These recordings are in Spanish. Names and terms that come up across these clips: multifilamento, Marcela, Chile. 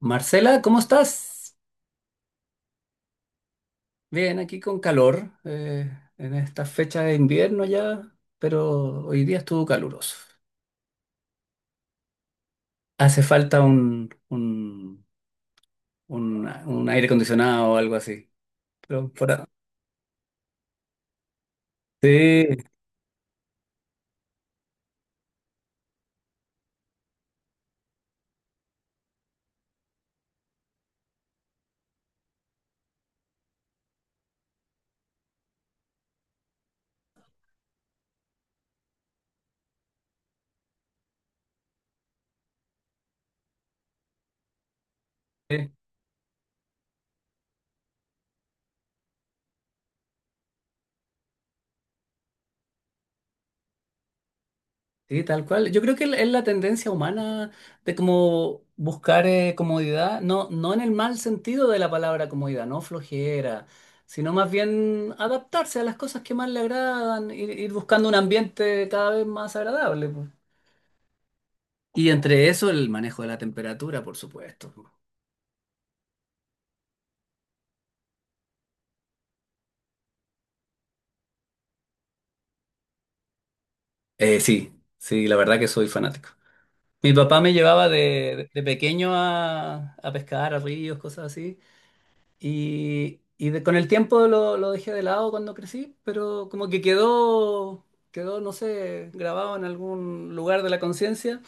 Marcela, ¿cómo estás? Bien, aquí con calor, en esta fecha de invierno ya, pero hoy día estuvo caluroso. Hace falta un aire acondicionado o algo así. Pero por a- Sí, sí. Sí, tal cual. Yo creo que es la tendencia humana de como buscar comodidad, no, no en el mal sentido de la palabra comodidad, no flojera, sino más bien adaptarse a las cosas que más le agradan, ir buscando un ambiente cada vez más agradable, po. Y entre eso el manejo de la temperatura, por supuesto. Sí, sí, la verdad que soy fanático. Mi papá me llevaba de pequeño a pescar, a ríos, cosas así. Con el tiempo lo dejé de lado cuando crecí, pero como que quedó, quedó, no sé, grabado en algún lugar de la conciencia.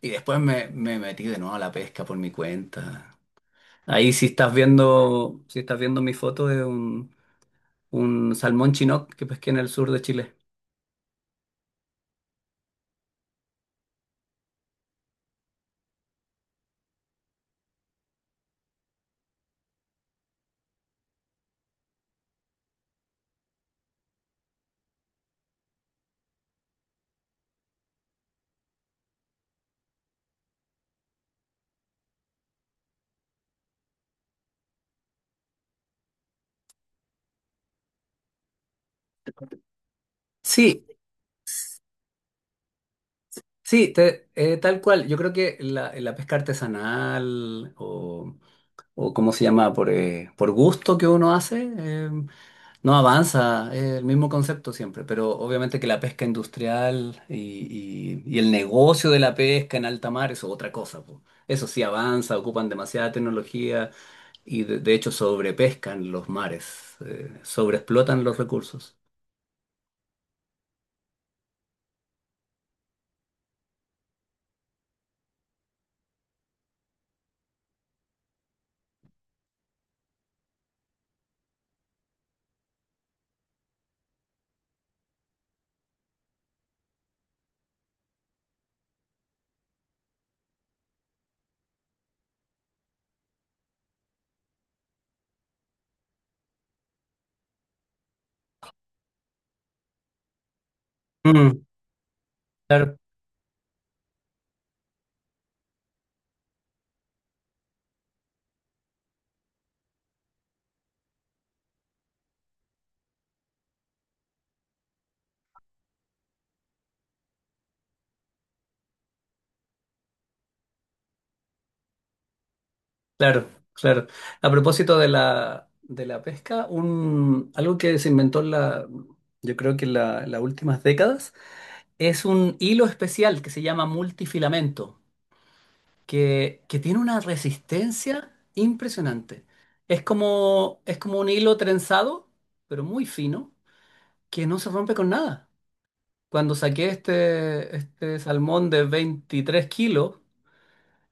Y después me metí de nuevo a la pesca por mi cuenta. Ahí si estás viendo, si estás viendo mi foto de un salmón chinook que pesqué en el sur de Chile. Sí, sí, tal cual. Yo creo que la pesca artesanal o cómo se llama, por gusto que uno hace, no avanza, es el mismo concepto siempre, pero obviamente que la pesca industrial y el negocio de la pesca en alta mar eso es otra cosa, po. Eso sí avanza, ocupan demasiada tecnología y de hecho sobrepescan los mares, sobreexplotan los recursos. Mm, claro, claro. A propósito de de la pesca, un, algo que se inventó en la, yo creo que las últimas décadas es un hilo especial que se llama multifilamento, que tiene una resistencia impresionante. Es como un hilo trenzado, pero muy fino, que no se rompe con nada. Cuando saqué este, este salmón de 23 kilos,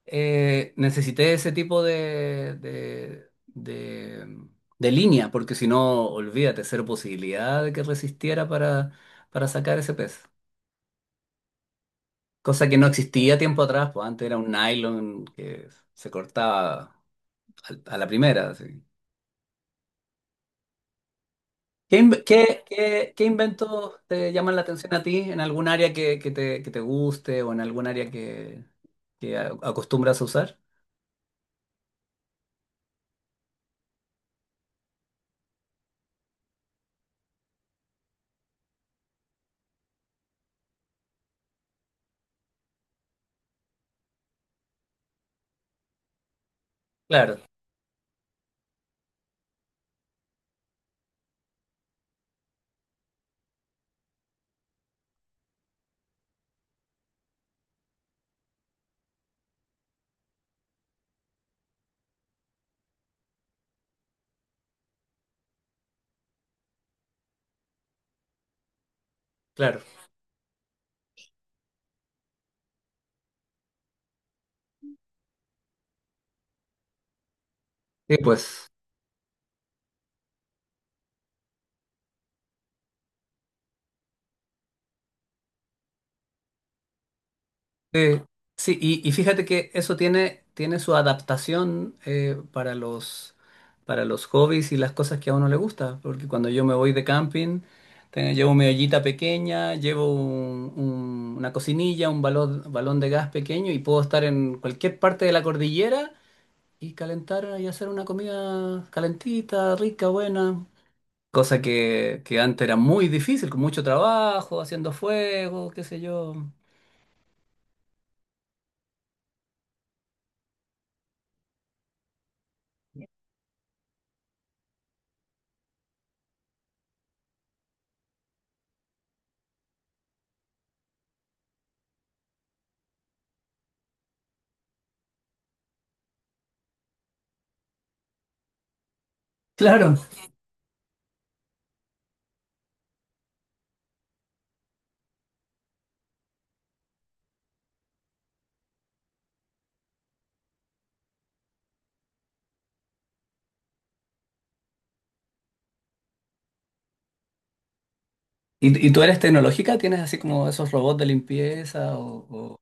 necesité ese tipo de línea, porque si no, olvídate, cero posibilidad de que resistiera para sacar ese pez. Cosa que no existía tiempo atrás, pues antes era un nylon que se cortaba a la primera, así. ¿Qué, qué inventos te llaman la atención a ti en algún área que te guste o en algún área que, acostumbras a usar? Claro, claro. Sí, pues. Sí, sí, y fíjate que eso tiene, tiene su adaptación para los hobbies y las cosas que a uno le gusta. Porque cuando yo me voy de camping, llevo mi ollita pequeña, llevo una cocinilla, un balón, balón de gas pequeño y puedo estar en cualquier parte de la cordillera y calentar y hacer una comida calentita, rica, buena. Cosa que antes era muy difícil, con mucho trabajo, haciendo fuego, qué sé yo. Claro. Y tú eres tecnológica? ¿Tienes así como esos robots de limpieza o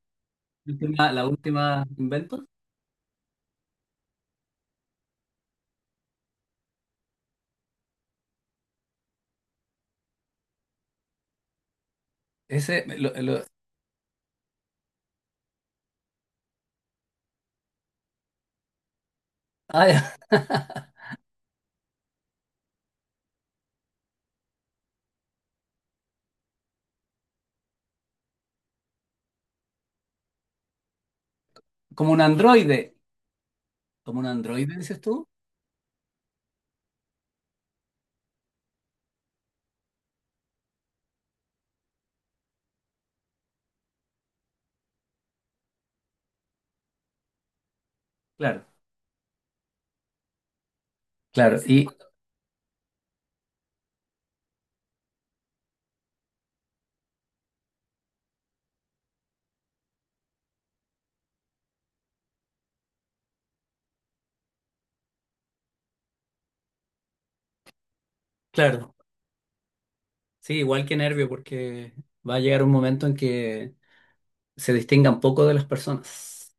la última invento? Ese, ah, ya, como un androide. ¿Como un androide, dices tú? Claro, claro. Y claro, sí, igual que nervio, porque va a llegar un momento en que se distingan poco de las personas.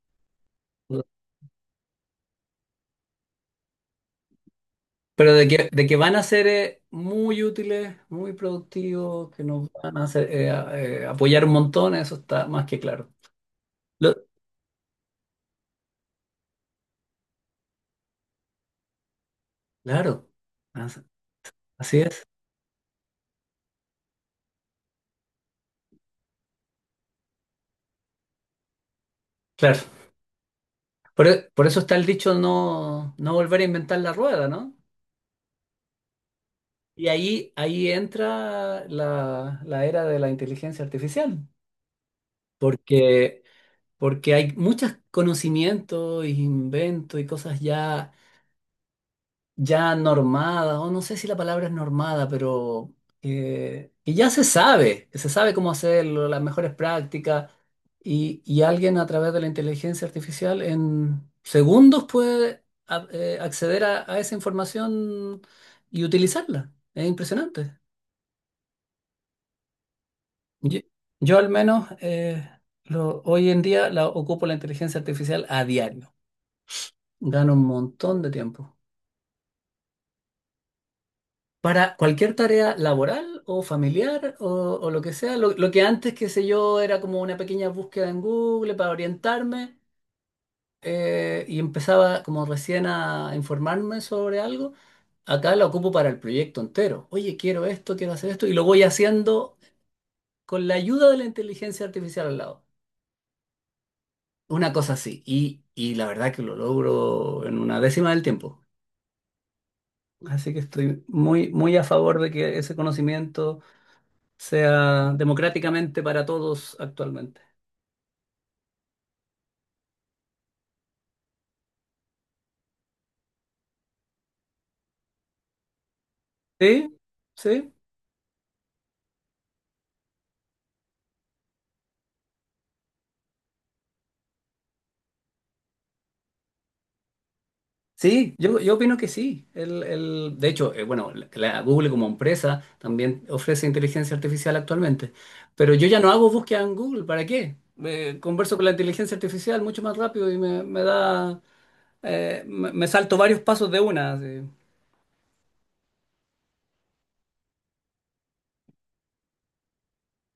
Pero de que van a ser muy útiles, muy productivos, que nos van a hacer, apoyar un montón, eso está más que claro. Lo- claro, as- así es. Claro. Por, por eso está el dicho no, no volver a inventar la rueda, ¿no? Y ahí, ahí entra la era de la inteligencia artificial, porque, porque hay muchos conocimientos, inventos y cosas ya ya normada, o no sé si la palabra es normada, pero que ya se sabe, que se sabe cómo hacerlo, las mejores prácticas, y alguien a través de la inteligencia artificial en segundos puede acceder a esa información y utilizarla. Es impresionante. Yo, yo al menos hoy en día la, ocupo la inteligencia artificial a diario. Gano un montón de tiempo. Para cualquier tarea laboral o familiar o lo que sea, lo que antes, qué sé yo, era como una pequeña búsqueda en Google para orientarme y empezaba como recién a informarme sobre algo, acá la ocupo para el proyecto entero. Oye, quiero esto, quiero hacer esto y lo voy haciendo con la ayuda de la inteligencia artificial al lado. Una cosa así. Y la verdad que lo logro en una décima del tiempo. Así que estoy muy, muy a favor de que ese conocimiento sea democráticamente para todos actualmente. Sí, sí, sí, yo opino que sí. De hecho, bueno, la Google como empresa también ofrece inteligencia artificial actualmente, pero yo ya no hago búsqueda en Google, ¿para qué? Converso con la inteligencia artificial mucho más rápido y me da, me salto varios pasos de una, así.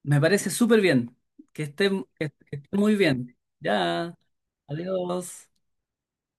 Me parece súper bien, que esté, que esté muy bien. Ya, adiós.